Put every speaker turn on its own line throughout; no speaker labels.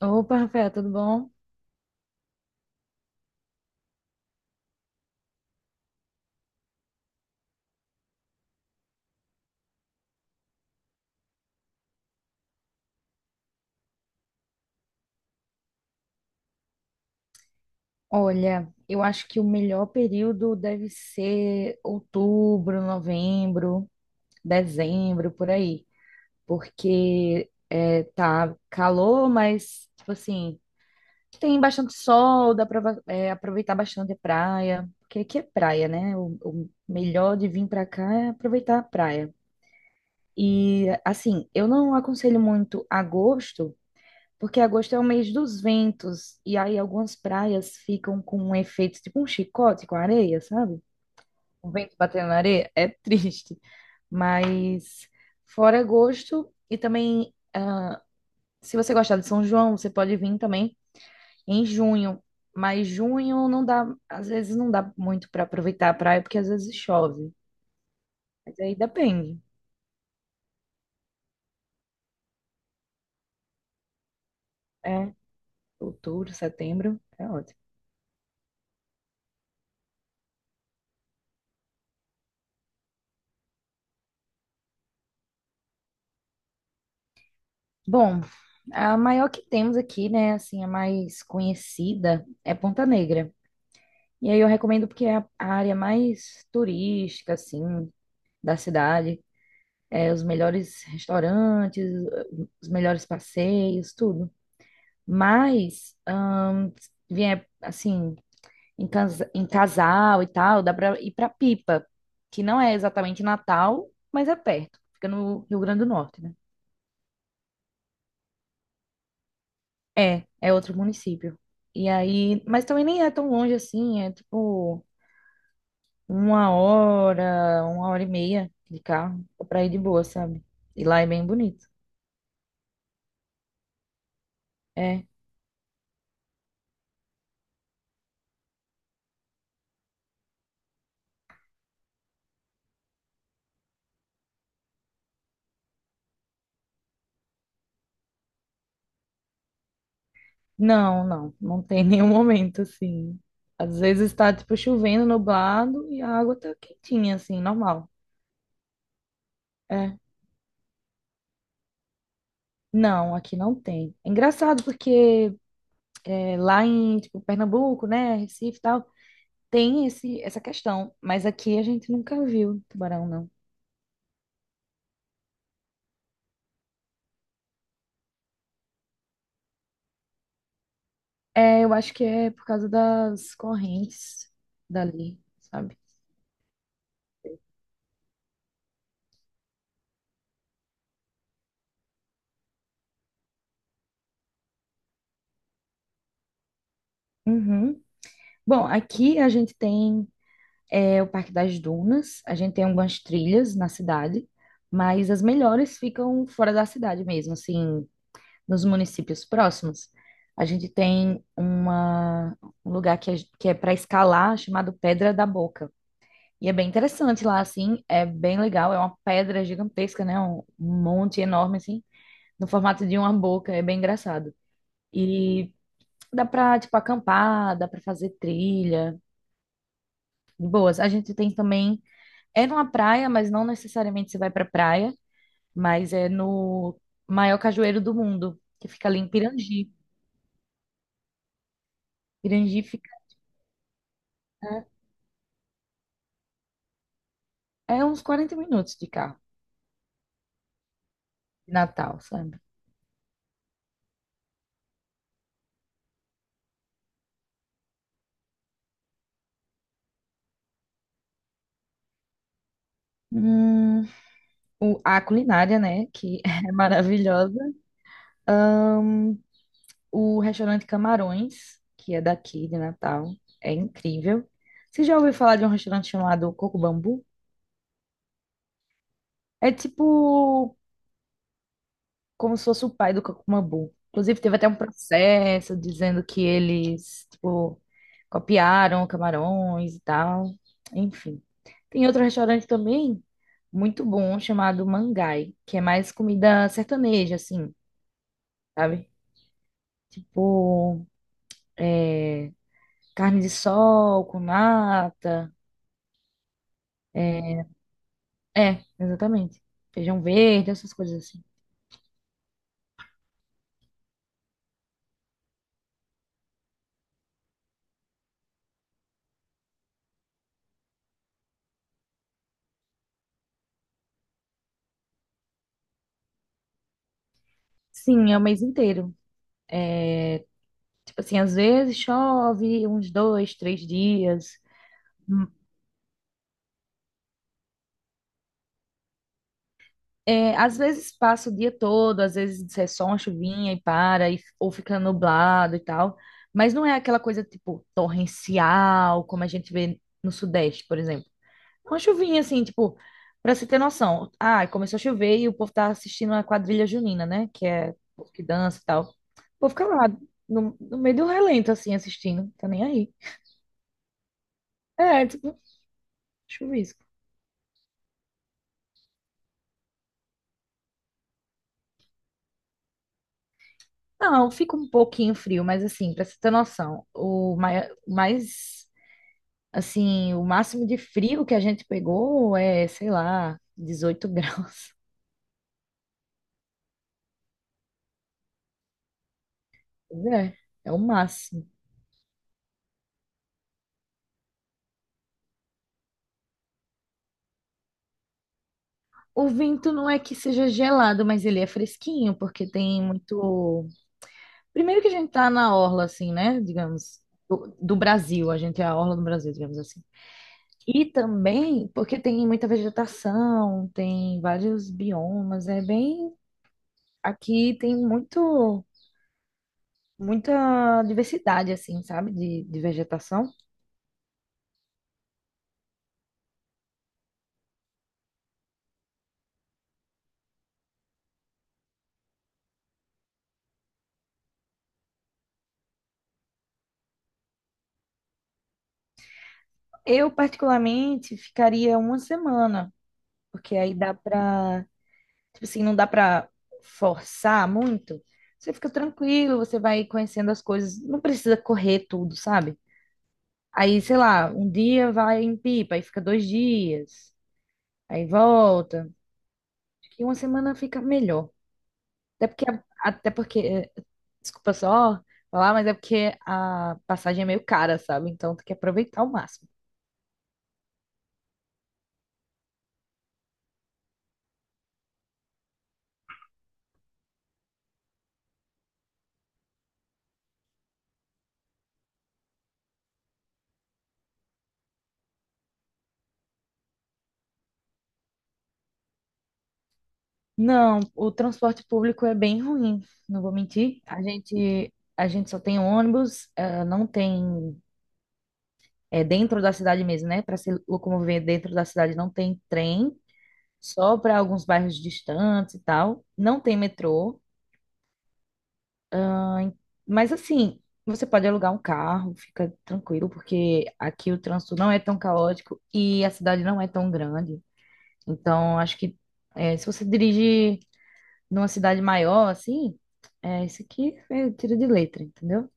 Opa, Rafael, tudo bom? Olha, eu acho que o melhor período deve ser outubro, novembro, dezembro, por aí. Porque tá calor, mas, tipo assim, tem bastante sol, dá pra aproveitar bastante a praia. Porque aqui é praia, né? O melhor de vir pra cá é aproveitar a praia. E, assim, eu não aconselho muito agosto. Porque agosto é o mês dos ventos, e aí algumas praias ficam com um efeito tipo um chicote com areia, sabe? O vento batendo na areia é triste, mas fora agosto, e também se você gostar de São João, você pode vir também em junho, mas junho não dá, às vezes não dá muito para aproveitar a praia, porque às vezes chove, mas aí depende, é outubro, setembro, é ótimo. Bom, a maior que temos aqui, né, assim, a mais conhecida é Ponta Negra. E aí eu recomendo porque é a área mais turística, assim, da cidade. Os melhores restaurantes, os melhores passeios, tudo. Mas, se vier, assim, em casal e tal, dá pra ir pra Pipa, que não é exatamente Natal, mas é perto. Fica no Rio Grande do Norte, né? É, é outro município. E aí, mas também nem é tão longe assim, é tipo uma hora e meia de carro pra ir de boa, sabe? E lá é bem bonito. É. Não, não, não tem nenhum momento assim. Às vezes tá tipo chovendo, nublado e a água tá quentinha assim, normal. É. Não, aqui não tem. É engraçado porque lá em tipo, Pernambuco, né, Recife e tal, tem essa questão, mas aqui a gente nunca viu tubarão, não. É, eu acho que é por causa das correntes dali, sabe? Uhum. Bom, aqui a gente tem o Parque das Dunas, a gente tem algumas trilhas na cidade, mas as melhores ficam fora da cidade mesmo, assim, nos municípios próximos. A gente tem uma, um lugar que é para escalar, chamado Pedra da Boca. E é bem interessante lá, assim, é bem legal, é uma pedra gigantesca, né? Um monte enorme, assim, no formato de uma boca, é bem engraçado. E dá pra, tipo, acampar, dá pra fazer trilha, de boas. A gente tem também, é numa praia, mas não necessariamente você vai pra praia, mas é no maior cajueiro do mundo, que fica ali em Pirangi. Pirangi fica, é é uns 40 minutos de carro, de Natal, sabe? Hum, a culinária, né, que é maravilhosa. O restaurante Camarões, que é daqui de Natal, é incrível. Você já ouviu falar de um restaurante chamado Coco Bambu? É tipo como se fosse o pai do Kakumabu. Inclusive, teve até um processo dizendo que eles, tipo, copiaram camarões e tal. Enfim. Tem outro restaurante também muito bom chamado Mangai, que é mais comida sertaneja, assim, sabe? Tipo, carne de sol com nata. É, exatamente. Feijão verde, essas coisas assim. Sim, é o mês inteiro. Tipo assim, às vezes chove uns dois, três dias. É, às vezes passa o dia todo, às vezes é só uma chuvinha e para, ou fica nublado e tal. Mas não é aquela coisa, tipo, torrencial, como a gente vê no Sudeste, por exemplo. Uma chuvinha, assim, tipo, pra você ter noção. Ah, começou a chover e o povo tá assistindo a quadrilha junina, né? Que é o povo que dança e tal. O povo fica lá, no meio do relento, assim, assistindo. Tá nem aí. É, tipo, chuvisco. Não, fica um pouquinho frio, mas assim, pra você ter noção, o o máximo de frio que a gente pegou é, sei lá, 18 graus. Pois é, é o máximo. O vento não é que seja gelado, mas ele é fresquinho, porque tem muito. Primeiro que a gente tá na orla, assim, né? Digamos, do Brasil, a gente é a orla do Brasil, digamos assim. E também porque tem muita vegetação, tem vários biomas, é bem. Aqui tem muita diversidade, assim, sabe? De vegetação. Eu, particularmente, ficaria uma semana, porque aí dá pra, tipo assim, não dá pra forçar muito. Você fica tranquilo, você vai conhecendo as coisas, não precisa correr tudo, sabe? Aí, sei lá, um dia vai em Pipa, aí fica dois dias, aí volta. Acho que uma semana fica melhor. Até porque, até porque, desculpa só falar, mas é porque a passagem é meio cara, sabe? Então tem que aproveitar ao máximo. Não, o transporte público é bem ruim, não vou mentir. A gente só tem ônibus, não tem, é dentro da cidade mesmo, né? Para se locomover dentro da cidade não tem trem, só para alguns bairros distantes e tal. Não tem metrô, ah, mas assim, você pode alugar um carro, fica tranquilo, porque aqui o trânsito não é tão caótico e a cidade não é tão grande. Então, acho que se você dirige numa cidade maior, assim, é, isso aqui eu tiro de letra, entendeu?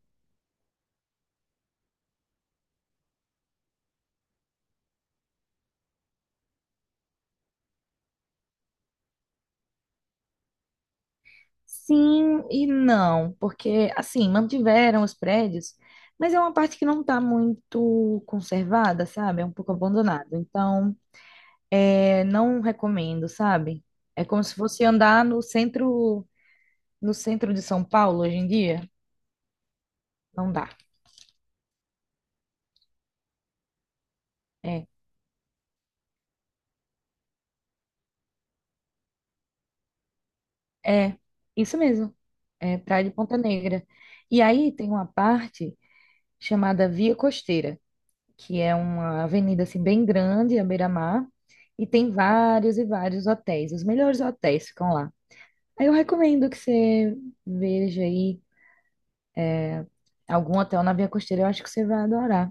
Sim e não, porque, assim, mantiveram os prédios, mas é uma parte que não está muito conservada, sabe? É um pouco abandonado. Então, é, não recomendo, sabe? É como se fosse andar no centro de São Paulo hoje em dia. Não dá. É, é, isso mesmo. É Praia de Ponta Negra. E aí tem uma parte chamada Via Costeira, que é uma avenida assim bem grande, à beira-mar, e tem vários e vários hotéis. Os melhores hotéis ficam lá. Aí eu recomendo que você veja aí algum hotel na Via Costeira, eu acho que você vai adorar.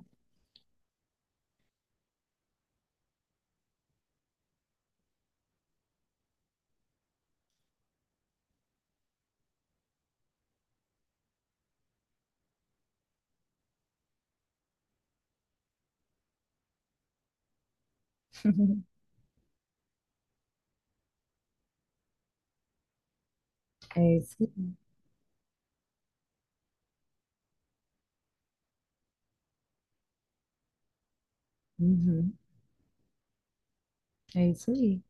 É isso. Uhum, é isso aí.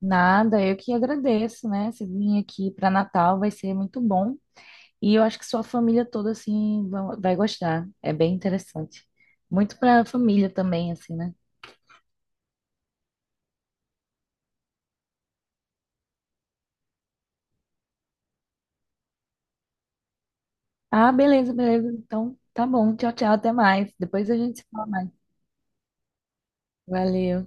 Nada, eu que agradeço, né? Você vir aqui para Natal vai ser muito bom. E eu acho que sua família toda, assim, vai gostar. É bem interessante. Muito para a família também, assim, né? Ah, beleza, beleza. Então, tá bom. Tchau, tchau. Até mais. Depois a gente se fala mais. Valeu.